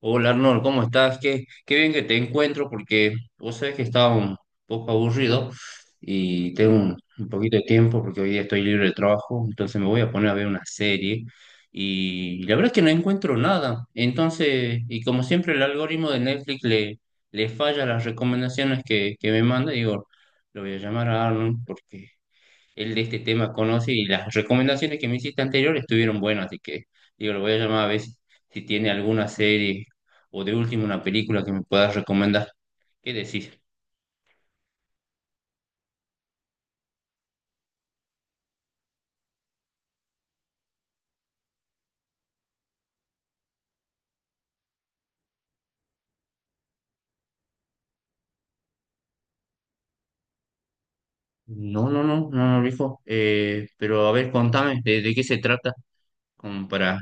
Hola Arnold, ¿cómo estás? Qué bien que te encuentro porque vos sabés que estaba un poco aburrido y tengo un poquito de tiempo porque hoy día estoy libre de trabajo, entonces me voy a poner a ver una serie y la verdad es que no encuentro nada. Entonces, y como siempre el algoritmo de Netflix le falla las recomendaciones que me manda, digo, lo voy a llamar a Arnold porque él de este tema conoce y las recomendaciones que me hiciste anterior estuvieron buenas, así que digo, lo voy a llamar a ver si, si tiene alguna serie o de último una película que me puedas recomendar. ¿Qué decís? No, no, no, no, no, viejo. Pero a ver, contame de qué se trata, como para...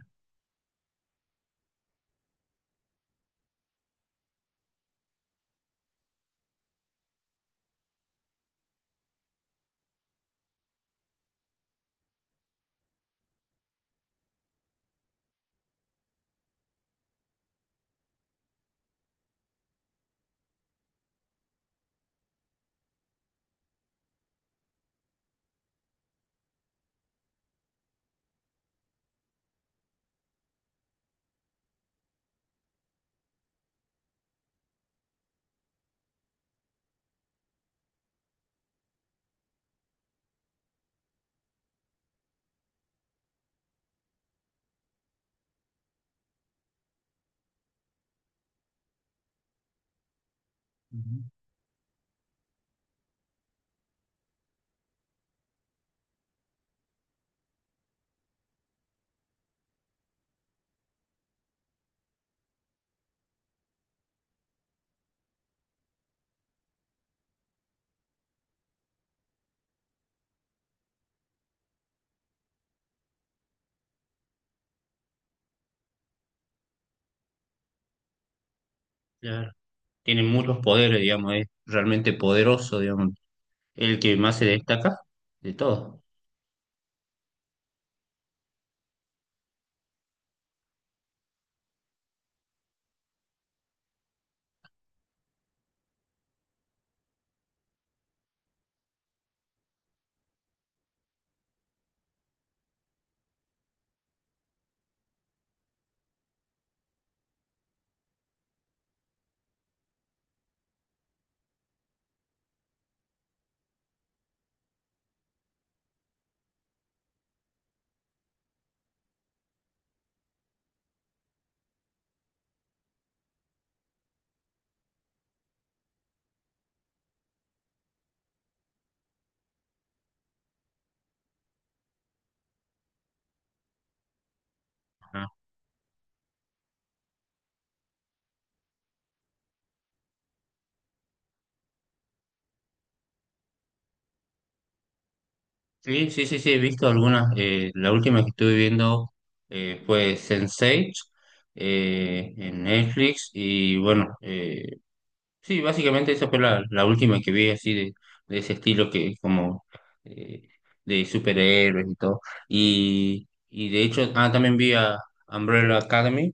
Ujú. Claro. Tiene muchos poderes, digamos, es realmente poderoso, digamos, el que más se destaca de todo. Sí, sí, sí, sí, he visto algunas. La última que estuve viendo, fue Sense8 en Netflix y bueno, sí, básicamente esa fue la, la última que vi así de ese estilo que como eh, de superhéroes y todo. Y de hecho, ah, también vi a Umbrella Academy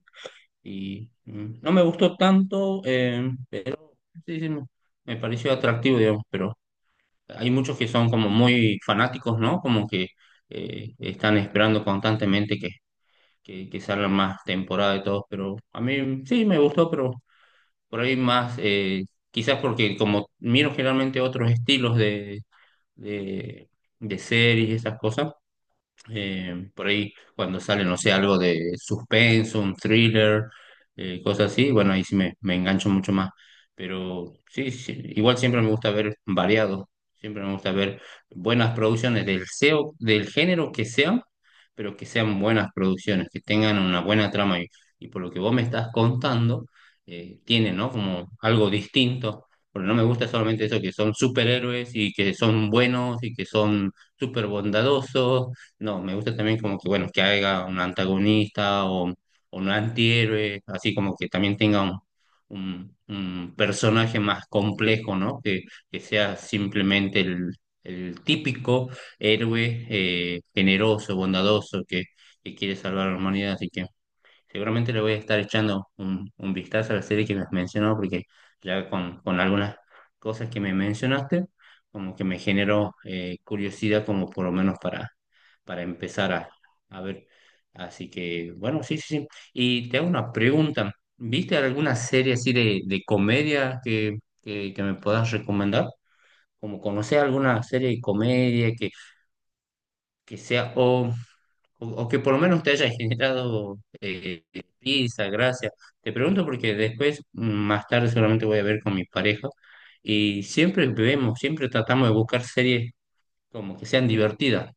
y no me gustó tanto, sí, sí, me pareció atractivo, digamos, pero... Hay muchos que son como muy fanáticos, ¿no? Como que están esperando constantemente que salgan más temporadas y todo, pero a mí sí me gustó, pero por ahí más, quizás porque como miro generalmente otros estilos de, de series y esas cosas, por ahí cuando sale, no sé, algo de suspenso, un thriller, cosas así, bueno, ahí sí me engancho mucho más. Pero sí, sí, igual siempre me gusta ver variado, siempre me gusta ver buenas producciones del SEO, del género que sean, pero que sean buenas producciones, que tengan una buena trama. Y por lo que vos me estás contando, tiene, ¿no? Como algo distinto. Porque no me gusta solamente eso, que son superhéroes y que son buenos y que son súper bondadosos no, me gusta también como que, bueno, que haya un antagonista o un antihéroe, así como que también tenga un, un personaje más complejo, ¿no? Que sea simplemente el típico héroe, generoso, bondadoso, que quiere salvar a la humanidad. Así que seguramente le voy a estar echando un vistazo a la serie que me has mencionado, porque ya con algunas cosas que me mencionaste, como que me generó curiosidad como por lo menos para empezar a ver. Así que, bueno, sí, sí, sí. Y te hago una pregunta. ¿Viste alguna serie así de comedia que me puedas recomendar? Como conocer alguna serie de comedia que sea, o que por lo menos te haya generado risa, gracia. Te pregunto porque después, más tarde seguramente voy a ver con mi pareja y siempre vemos, siempre tratamos de buscar series como que sean divertidas.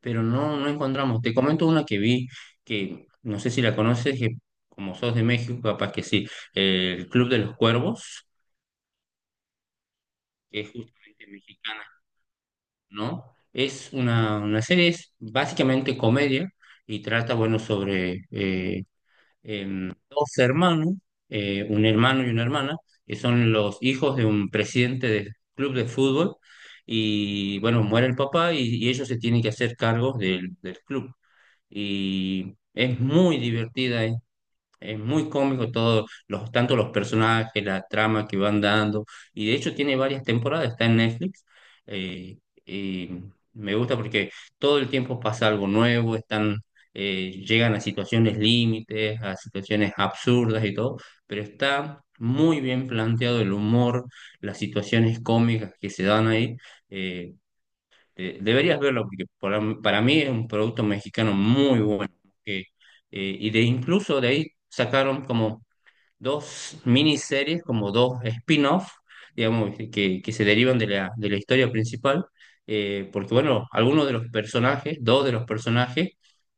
Pero no, no encontramos. Te comento una que vi, que no sé si la conoces, que como sos de México, capaz que sí, el Club de los Cuervos, que es justamente mexicana, ¿no? Es una serie, es básicamente comedia y trata, bueno, sobre dos hermanos, un hermano y una hermana, que son los hijos de un presidente del club de fútbol. Y bueno, muere el papá y ellos se tienen que hacer cargos del club. Y es muy divertida, es muy cómico todo, los, tanto los personajes, la trama que van dando, y de hecho tiene varias temporadas, está en Netflix, eh, y me gusta porque todo el tiempo pasa algo nuevo, están, llegan a situaciones límites, a situaciones absurdas y todo, pero está... Muy bien planteado el humor, las situaciones cómicas que se dan ahí. eh, deberías verlo porque para mí es un producto mexicano muy bueno. que, eh, y de incluso de ahí sacaron como dos miniseries, como dos spin-off, digamos, que se derivan de la historia principal, porque bueno, algunos de los personajes, dos de los personajes,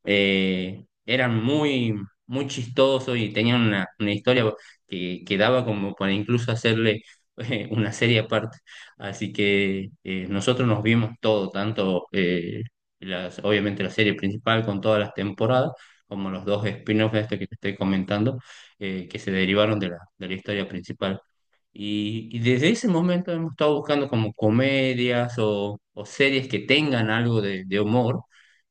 eran muy, muy chistosos y tenían una historia que daba como para incluso hacerle una serie aparte. Así que nosotros nos vimos todo, tanto las, obviamente la serie principal con todas las temporadas, como los dos spin-offs de esto que te estoy comentando que se derivaron de la historia principal. Y desde ese momento hemos estado buscando como comedias o series que tengan algo de humor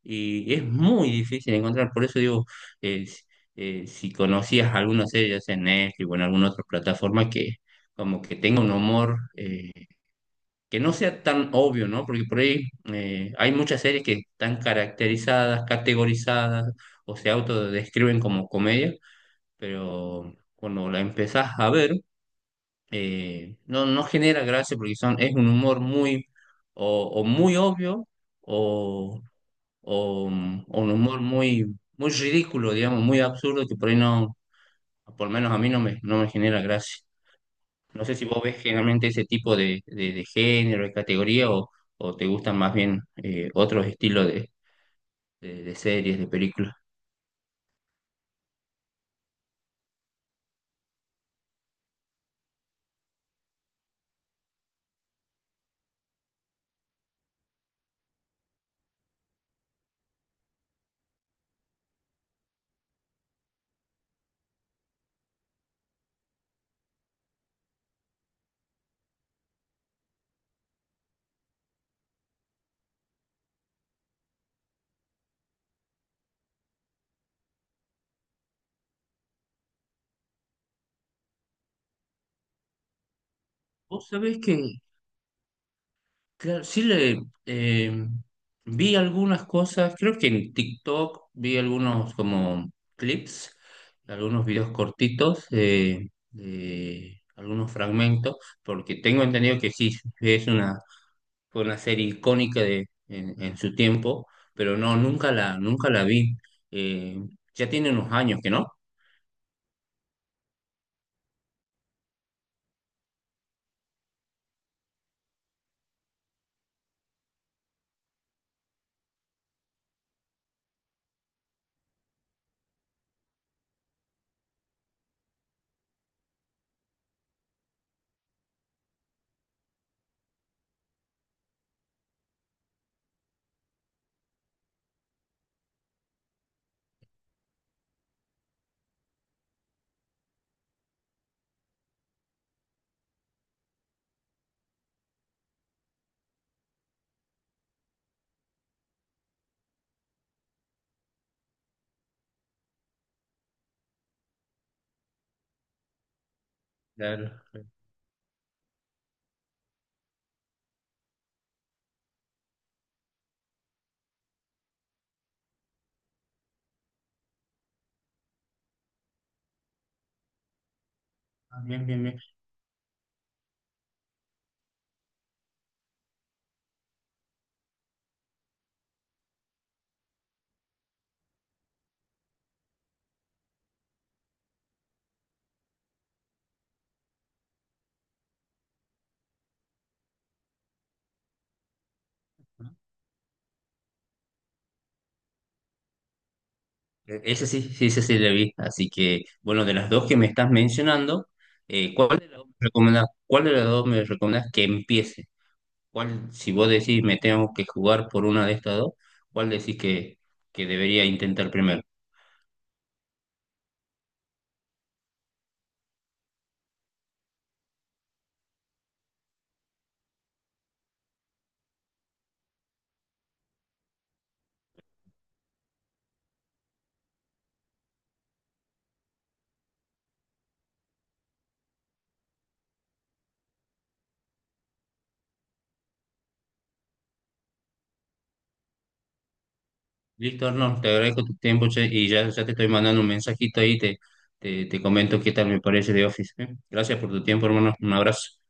y es muy difícil encontrar. Por eso digo, si si conocías alguna serie, ya sea en Netflix o en alguna otra plataforma que como que tenga un humor que no sea tan obvio, ¿no? Porque por ahí hay muchas series que están caracterizadas, categorizadas o se autodescriben como comedia pero cuando la empezás a ver, no, no genera gracia porque son, es un humor muy, o muy obvio, o, o, o un humor muy, muy ridículo, digamos, muy absurdo, que por ahí no, por lo menos a mí no me, no me genera gracia. No sé si vos ves generalmente ese tipo de género, de categoría, o te gustan más bien otros estilos de series, de películas. Vos sabés que claro, sí le vi algunas cosas, creo que en TikTok vi algunos como clips, algunos videos cortitos, de algunos fragmentos, porque tengo entendido que sí, es una, fue una serie icónica de, en su tiempo, pero no, nunca la, nunca la vi. Eh, ya tiene unos años que no. Claro. Ah, bien, bien, bien. Ese sí, sí, ese sí le vi. Así que, bueno, de las dos que me estás mencionando, ¿cuál de las dos me recomendás, cuál de las dos me recomendás que empiece? ¿Cuál, si vos decís me tengo que jugar por una de estas dos, cuál decís que debería intentar primero? Listo, Arnold, te agradezco tu tiempo, che, y ya, ya te estoy mandando un mensajito ahí, te comento qué tal me parece de Office. ¿Eh? Gracias por tu tiempo, hermano. Un abrazo.